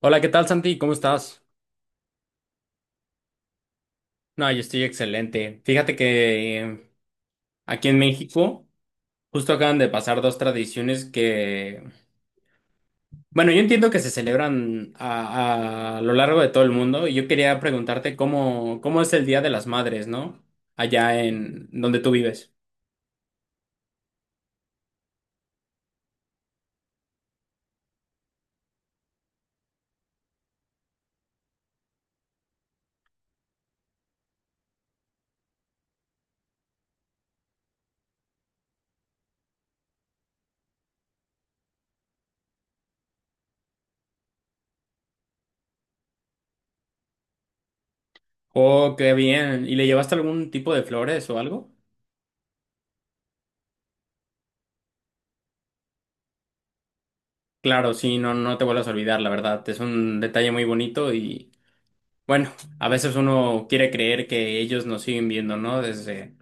Hola, ¿qué tal, Santi? ¿Cómo estás? No, yo estoy excelente. Fíjate que aquí en México justo acaban de pasar dos tradiciones que, bueno, yo entiendo que se celebran a lo largo de todo el mundo y yo quería preguntarte cómo es el Día de las Madres, ¿no? Allá en donde tú vives. Oh, qué bien. ¿Y le llevaste algún tipo de flores o algo? Claro, sí, no, no te vuelvas a olvidar, la verdad. Es un detalle muy bonito y, bueno, a veces uno quiere creer que ellos nos siguen viendo, ¿no? Desde.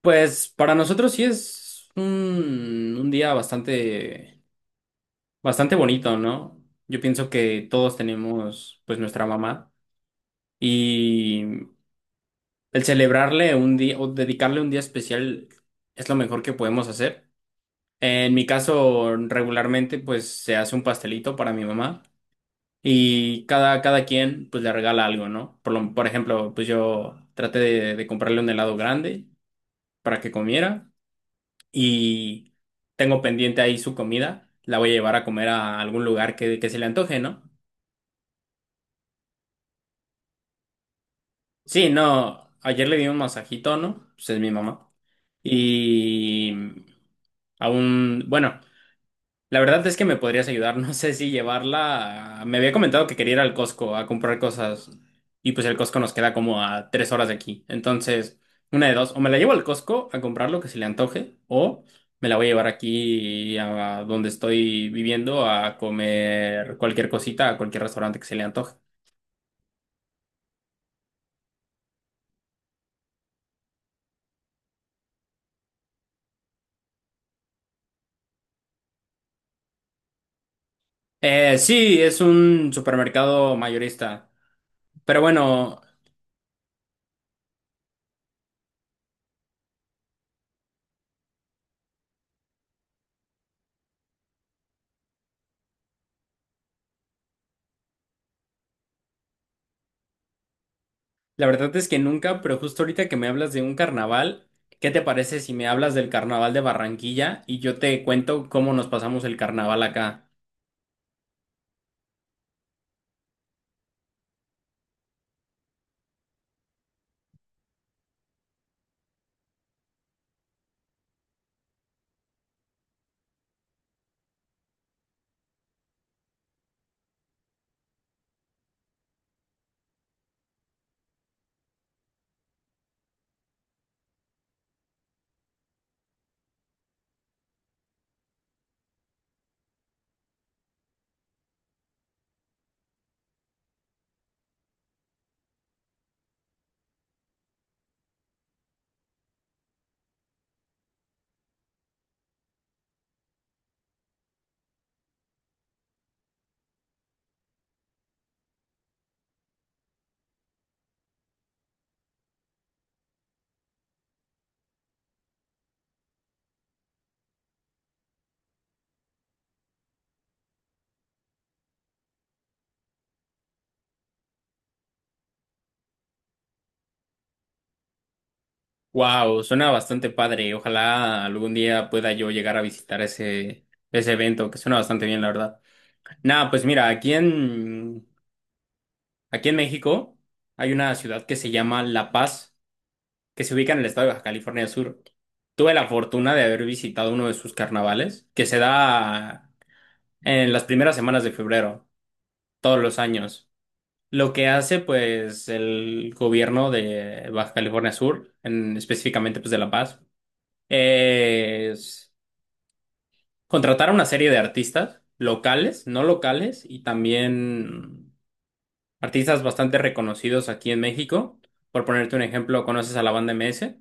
Pues para nosotros sí es un día bastante, bastante bonito, ¿no? Yo pienso que todos tenemos pues nuestra mamá y el celebrarle un día o dedicarle un día especial es lo mejor que podemos hacer. En mi caso, regularmente pues se hace un pastelito para mi mamá y cada quien pues le regala algo, ¿no? Por ejemplo, pues yo traté de comprarle un helado grande para que comiera. Y tengo pendiente ahí su comida, la voy a llevar a comer a algún lugar que se le antoje, ¿no? Sí, no, ayer le di un masajito, ¿no? Pues es mi mamá. Y aún, bueno. La verdad es que me podrías ayudar. No sé si llevarla. Me había comentado que quería ir al Costco a comprar cosas. Y pues el Costco nos queda como a 3 horas de aquí. Entonces, una de dos. O me la llevo al Costco a comprar lo que se le antoje. O me la voy a llevar aquí a donde estoy viviendo a comer cualquier cosita, a cualquier restaurante que se le antoje. Sí, es un supermercado mayorista. Pero bueno. La verdad es que nunca, pero justo ahorita que me hablas de un carnaval, ¿qué te parece si me hablas del carnaval de Barranquilla y yo te cuento cómo nos pasamos el carnaval acá? Wow, suena bastante padre. Ojalá algún día pueda yo llegar a visitar ese evento, que suena bastante bien, la verdad. Nada, pues mira, aquí en México hay una ciudad que se llama La Paz, que se ubica en el estado de Baja California Sur. Tuve la fortuna de haber visitado uno de sus carnavales, que se da en las primeras semanas de febrero, todos los años. Lo que hace, pues, el gobierno de Baja California Sur, específicamente, pues, de La Paz, es contratar a una serie de artistas locales, no locales, y también artistas bastante reconocidos aquí en México. Por ponerte un ejemplo, ¿conoces a la banda MS?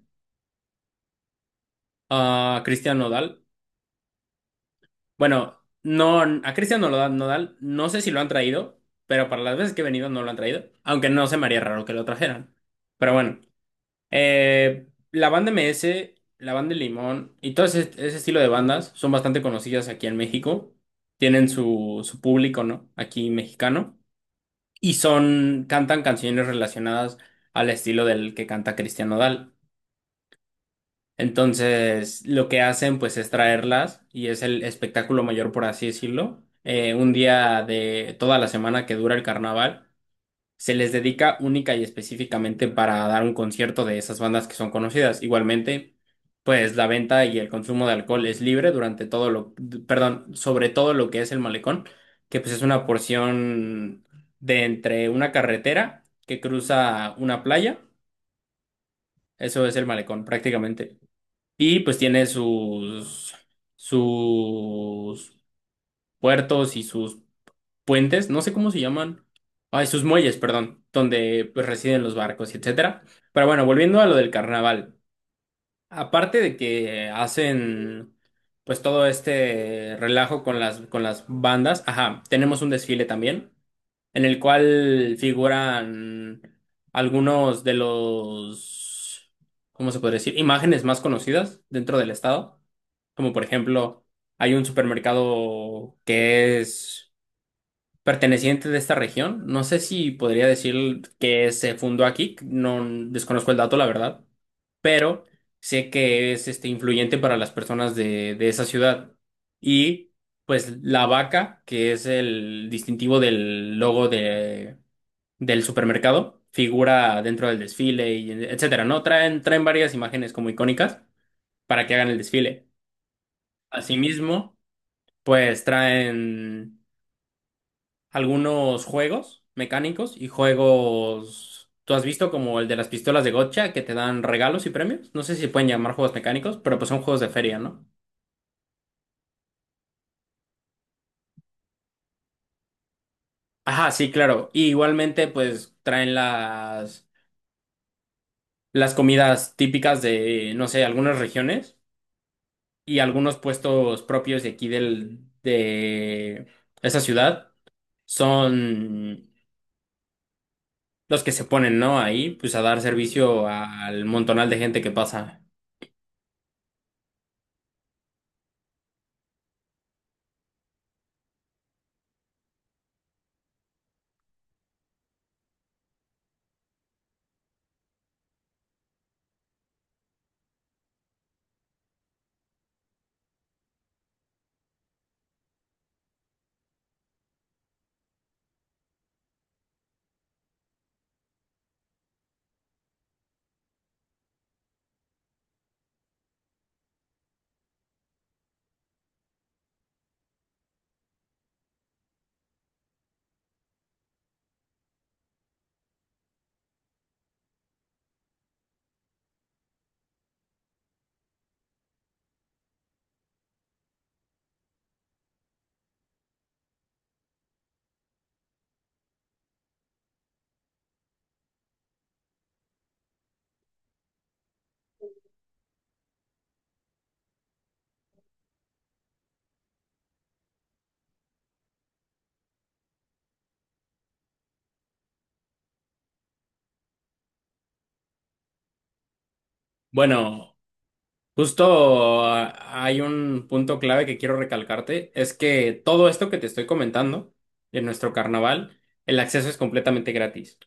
A Cristian Nodal. Bueno, no, a Cristian Nodal, Nodal no sé si lo han traído, pero para las veces que he venido no lo han traído, aunque no se me haría raro que lo trajeran. Pero bueno. La banda MS, la banda de Limón y todo ese estilo de bandas son bastante conocidas aquí en México. Tienen su público, ¿no? Aquí mexicano. Y son, cantan canciones relacionadas al estilo del que canta Cristian Nodal. Entonces, lo que hacen, pues, es traerlas y es el espectáculo mayor, por así decirlo. Un día de toda la semana que dura el carnaval se les dedica única y específicamente para dar un concierto de esas bandas que son conocidas. Igualmente, pues la venta y el consumo de alcohol es libre durante todo lo, perdón, sobre todo lo que es el malecón, que pues es una porción de entre una carretera que cruza una playa, eso es el malecón prácticamente. Y pues tiene sus puertos y sus puentes, no sé cómo se llaman, ah, sus muelles, perdón, donde pues residen los barcos y etcétera. Pero bueno, volviendo a lo del carnaval, aparte de que hacen pues todo este relajo con las bandas, ajá, tenemos un desfile también, en el cual figuran algunos de los, ¿cómo se puede decir? Imágenes más conocidas dentro del estado, como por ejemplo, hay un supermercado que es perteneciente de esta región. No sé si podría decir que se fundó aquí, no desconozco el dato, la verdad, pero sé que es este influyente para las personas de esa ciudad. Y pues la vaca, que es el distintivo del logo de, del supermercado, figura dentro del desfile y etcétera, ¿no? Traen varias imágenes como icónicas para que hagan el desfile. Asimismo, pues traen algunos juegos mecánicos y juegos. ¿Tú has visto como el de las pistolas de Gotcha que te dan regalos y premios? No sé si pueden llamar juegos mecánicos, pero pues son juegos de feria, ¿no? Ajá, sí, claro. Y igualmente, pues traen las comidas típicas de, no sé, algunas regiones y algunos puestos propios de aquí del, de esa ciudad son los que se ponen, ¿no? Ahí, pues a dar servicio al montonal de gente que pasa. Bueno. Justo hay un punto clave que quiero recalcarte, es que todo esto que te estoy comentando en nuestro carnaval, el acceso es completamente gratis.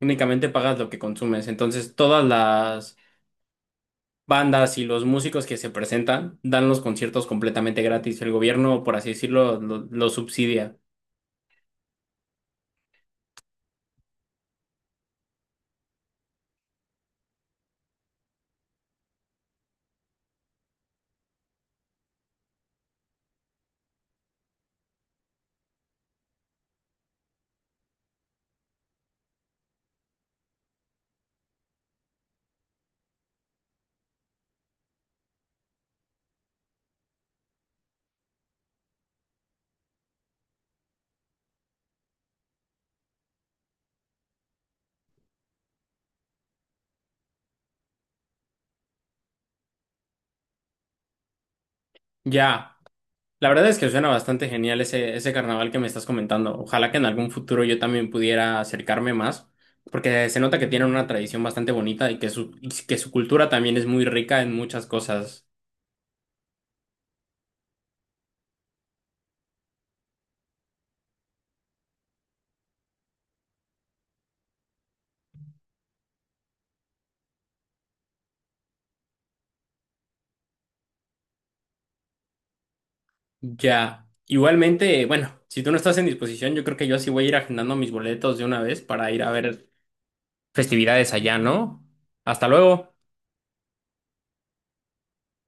Únicamente pagas lo que consumes. Entonces, todas las bandas y los músicos que se presentan dan los conciertos completamente gratis. El gobierno, por así decirlo, lo subsidia. Ya. La verdad es que suena bastante genial ese carnaval que me estás comentando. Ojalá que en algún futuro yo también pudiera acercarme más, porque se nota que tienen una tradición bastante bonita y y que su cultura también es muy rica en muchas cosas. Ya, igualmente, bueno, si tú no estás en disposición, yo creo que yo sí voy a ir agendando mis boletos de una vez para ir a ver festividades allá, ¿no? Hasta luego.